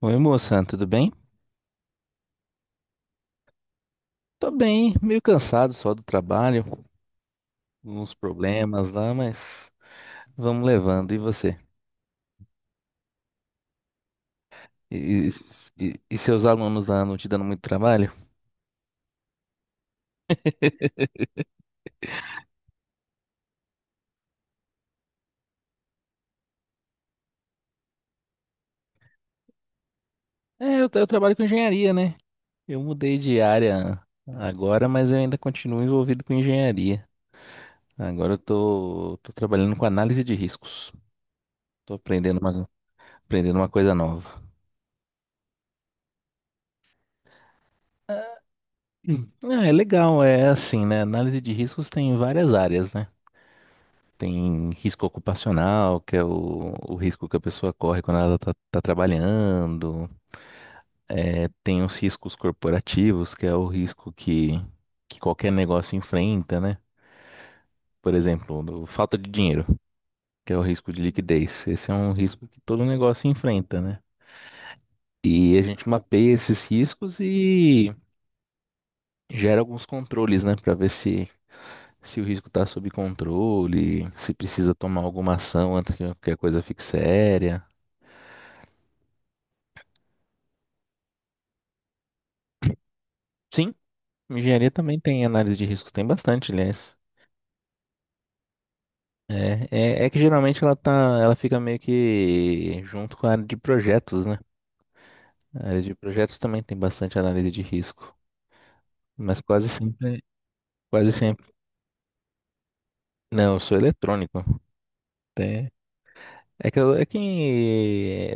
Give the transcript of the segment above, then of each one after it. Oi, moça, tudo bem? Tô bem, meio cansado só do trabalho, uns problemas lá, mas vamos levando. E você? E, e seus alunos lá não te dando muito trabalho? É, eu trabalho com engenharia, né? Eu mudei de área agora, mas eu ainda continuo envolvido com engenharia. Agora eu tô trabalhando com análise de riscos. Tô aprendendo uma coisa nova. Ah, é legal, é assim, né? Análise de riscos tem várias áreas, né? Tem risco ocupacional, que é o risco que a pessoa corre quando ela está trabalhando. É, tem os riscos corporativos, que é o risco que qualquer negócio enfrenta, né? Por exemplo, falta de dinheiro, que é o risco de liquidez. Esse é um risco que todo negócio enfrenta, né? E a gente mapeia esses riscos e gera alguns controles, né? Para ver se o risco está sob controle, se precisa tomar alguma ação antes que a coisa fique séria. Sim, engenharia também tem análise de riscos, tem bastante, aliás. É, é, é que geralmente ela fica meio que junto com a área de projetos, né? A área de projetos também tem bastante análise de risco, mas quase sempre, quase sempre. Não, eu sou eletrônico. Tem- É que eu, é que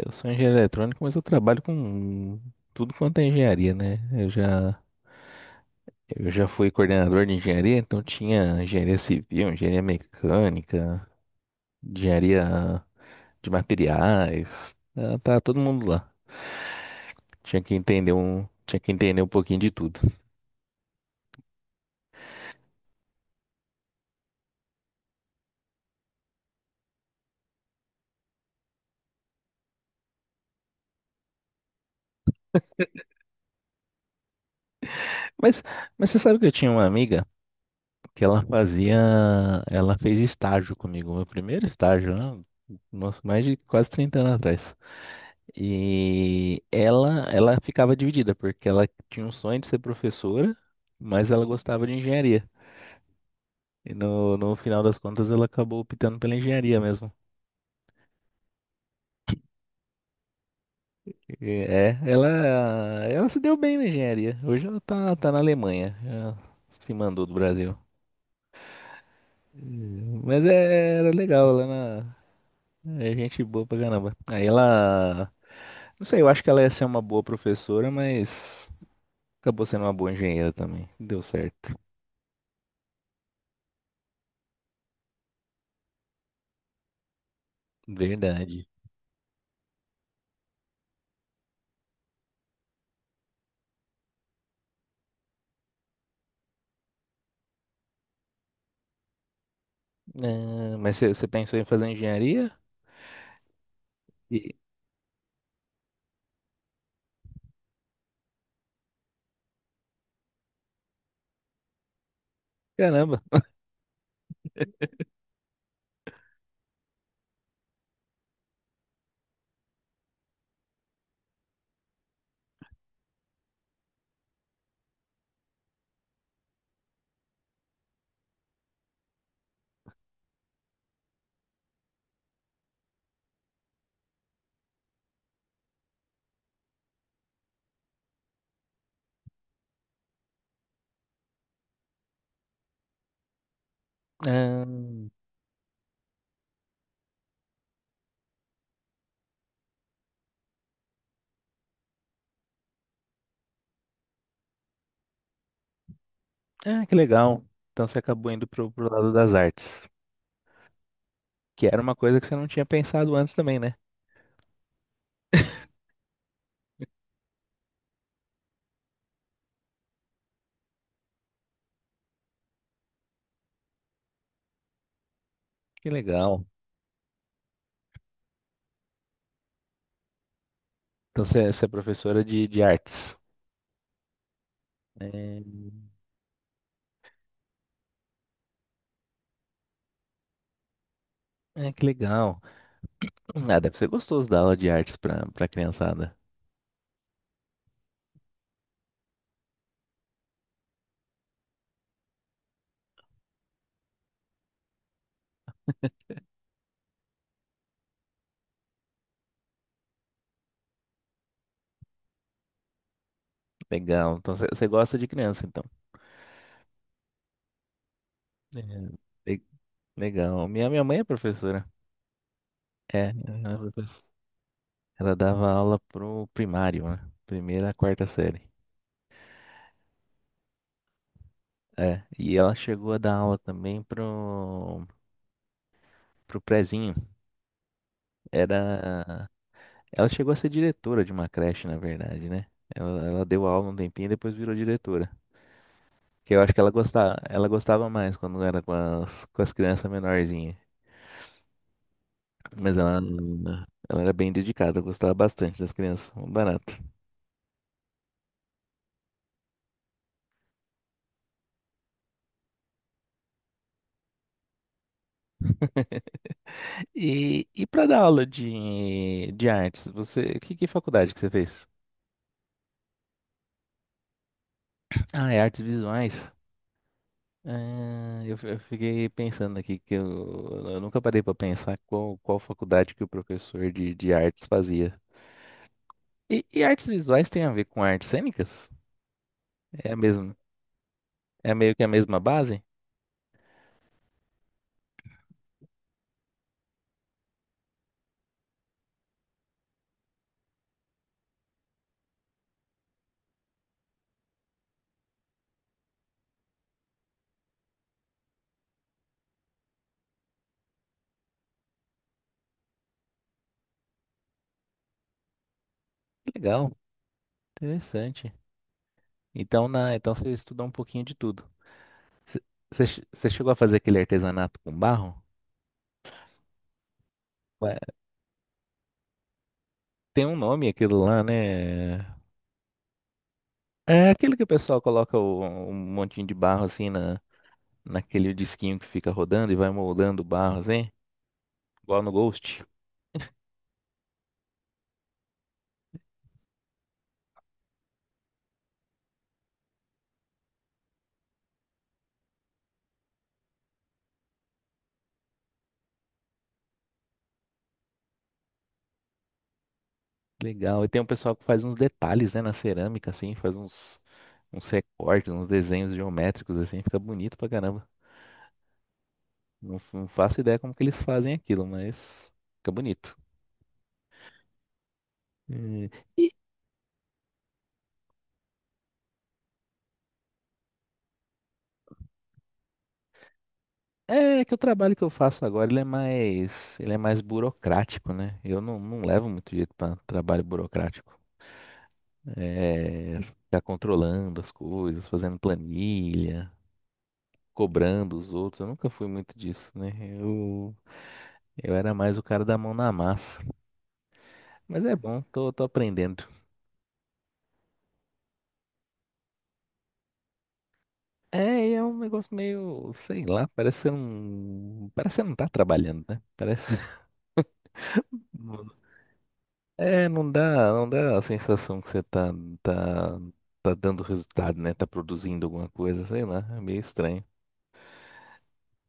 eu sou engenheiro eletrônico, mas eu trabalho com tudo quanto é engenharia, né? Eu já fui coordenador de engenharia, então tinha engenharia civil, engenharia mecânica, engenharia de materiais. Ah, tá todo mundo lá. Tinha que entender um pouquinho de tudo. Mas, mas você sabe que eu tinha uma amiga que ela fez estágio comigo, meu primeiro estágio, né? Nossa, mais de quase 30 anos atrás. E ela ficava dividida, porque ela tinha um sonho de ser professora, mas ela gostava de engenharia. E no final das contas ela acabou optando pela engenharia mesmo. É, ela se deu bem na engenharia. Hoje ela tá na Alemanha. Ela se mandou do Brasil. Mas era legal lá na. É gente boa pra caramba. Aí ela. Não sei, eu acho que ela ia ser uma boa professora, mas acabou sendo uma boa engenheira também. Deu certo. Verdade. Ah, mas você pensou em fazer engenharia? E- Caramba. Ah, ah, que legal. Então você acabou indo pro lado das artes, que era uma coisa que você não tinha pensado antes também, né? Que legal. Então você é professora de artes. É, é, que legal. Ah, deve ser gostoso dar aula de artes para criançada. Legal. Então você gosta de criança, então. É, le- legal. Minha mãe é professora. É, ela dava aula pro primário, né? Primeira a quarta série. É, e ela chegou a dar aula também pro prezinho. Era, ela chegou a ser diretora de uma creche, na verdade, né? Ela deu aula um tempinho e depois virou diretora. Que eu acho que ela gostava mais quando era com as crianças menorzinhas. Mas ela era bem dedicada, gostava bastante das crianças, um barato. E para dar aula de artes, você, que faculdade que você fez? Ah, é artes visuais. Ah, eu fiquei pensando aqui que eu nunca parei para pensar qual faculdade que o professor de artes fazia. E artes visuais tem a ver com artes cênicas? É a mesma, é meio que a mesma base? Legal, interessante. Então você estudou um pouquinho de tudo. Você chegou a fazer aquele artesanato com barro? Ué, tem um nome aquilo lá, né? É aquele que o pessoal coloca um montinho de barro assim naquele disquinho que fica rodando e vai moldando o barro assim. Lá no Ghost. Legal. E tem um pessoal que faz uns detalhes, né, na cerâmica, assim, faz uns recortes, uns desenhos geométricos, assim, fica bonito pra caramba. Não, não faço ideia como que eles fazem aquilo, mas fica bonito. Eh, É que o trabalho que eu faço agora, ele é mais burocrático, né? Eu não levo muito jeito para trabalho burocrático. É, ficar controlando as coisas, fazendo planilha, cobrando os outros. Eu nunca fui muito disso, né? Eu, eu era mais o cara da mão na massa. Mas é bom, tô aprendendo. É, e é um negócio meio, sei lá, parece que você não tá trabalhando, né? Parece, É, não dá a sensação que você tá, tá dando resultado, né? Tá produzindo alguma coisa, sei lá, é meio estranho.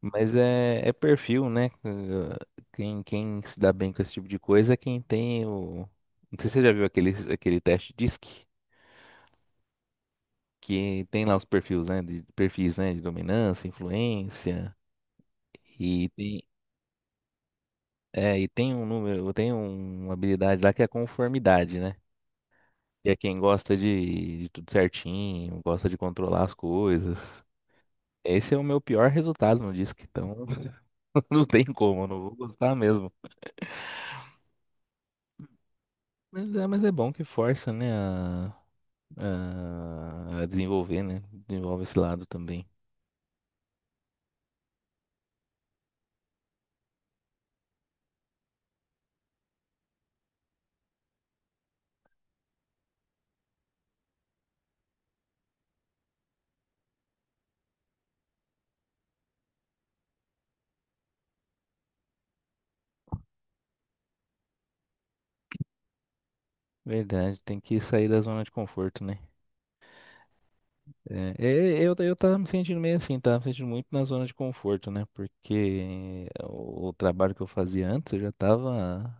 Mas é perfil, né? Quem se dá bem com esse tipo de coisa é quem tem o. Não sei se você já viu aquele teste DISC, que tem lá os perfis, né? Perfis, né? De dominância, influência, e tem, e tem um número, tem uma habilidade lá que é a conformidade, né? E é quem gosta de tudo certinho, gosta de controlar as coisas. Esse é o meu pior resultado no disco, então não tem como, eu não vou gostar mesmo. Mas é bom que força, né, a desenvolver, né? Desenvolve esse lado também. Verdade, tem que sair da zona de conforto, né? É, é, eu tava me sentindo meio assim, tava me sentindo muito na zona de conforto, né? Porque o trabalho que eu fazia antes, eu já tava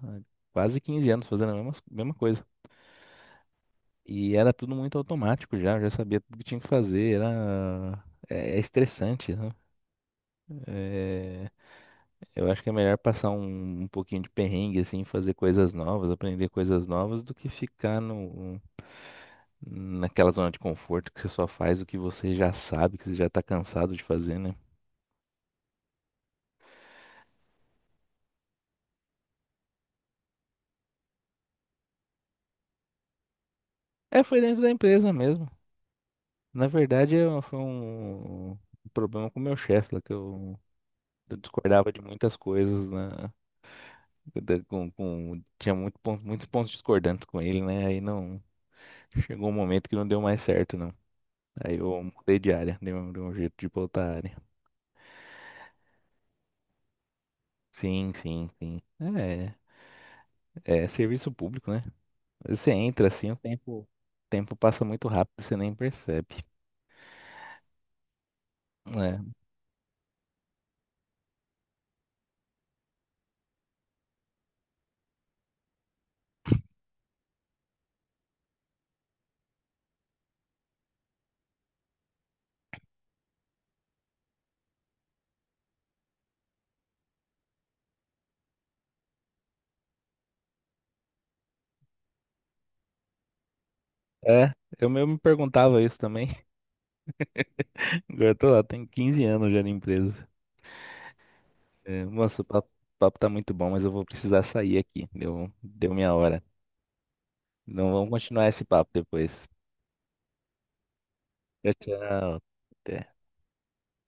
há quase 15 anos fazendo a mesma coisa. E era tudo muito automático já, eu já sabia tudo que tinha que fazer, era... É estressante, né? É, eu acho que é melhor passar um pouquinho de perrengue, assim, fazer coisas novas, aprender coisas novas, do que ficar no, naquela zona de conforto que você só faz o que você já sabe, que você já tá cansado de fazer, né? É, foi dentro da empresa mesmo. Na verdade, foi um problema com o meu chefe, lá que eu discordava de muitas coisas, né? Muitos pontos discordantes com ele, né? Aí não, chegou um momento que não deu mais certo, não. Aí eu mudei de área, dei um jeito de voltar à área. Sim, sim, sim. É, é serviço público, né? Você entra assim, o tempo passa muito rápido, você nem percebe. É, é, eu mesmo me perguntava isso também. Agora eu tô lá, tenho 15 anos já na empresa. É, moço, o papo tá muito bom, mas eu vou precisar sair aqui. Deu minha hora. Então vamos continuar esse papo depois. Tchau, tchau. Até.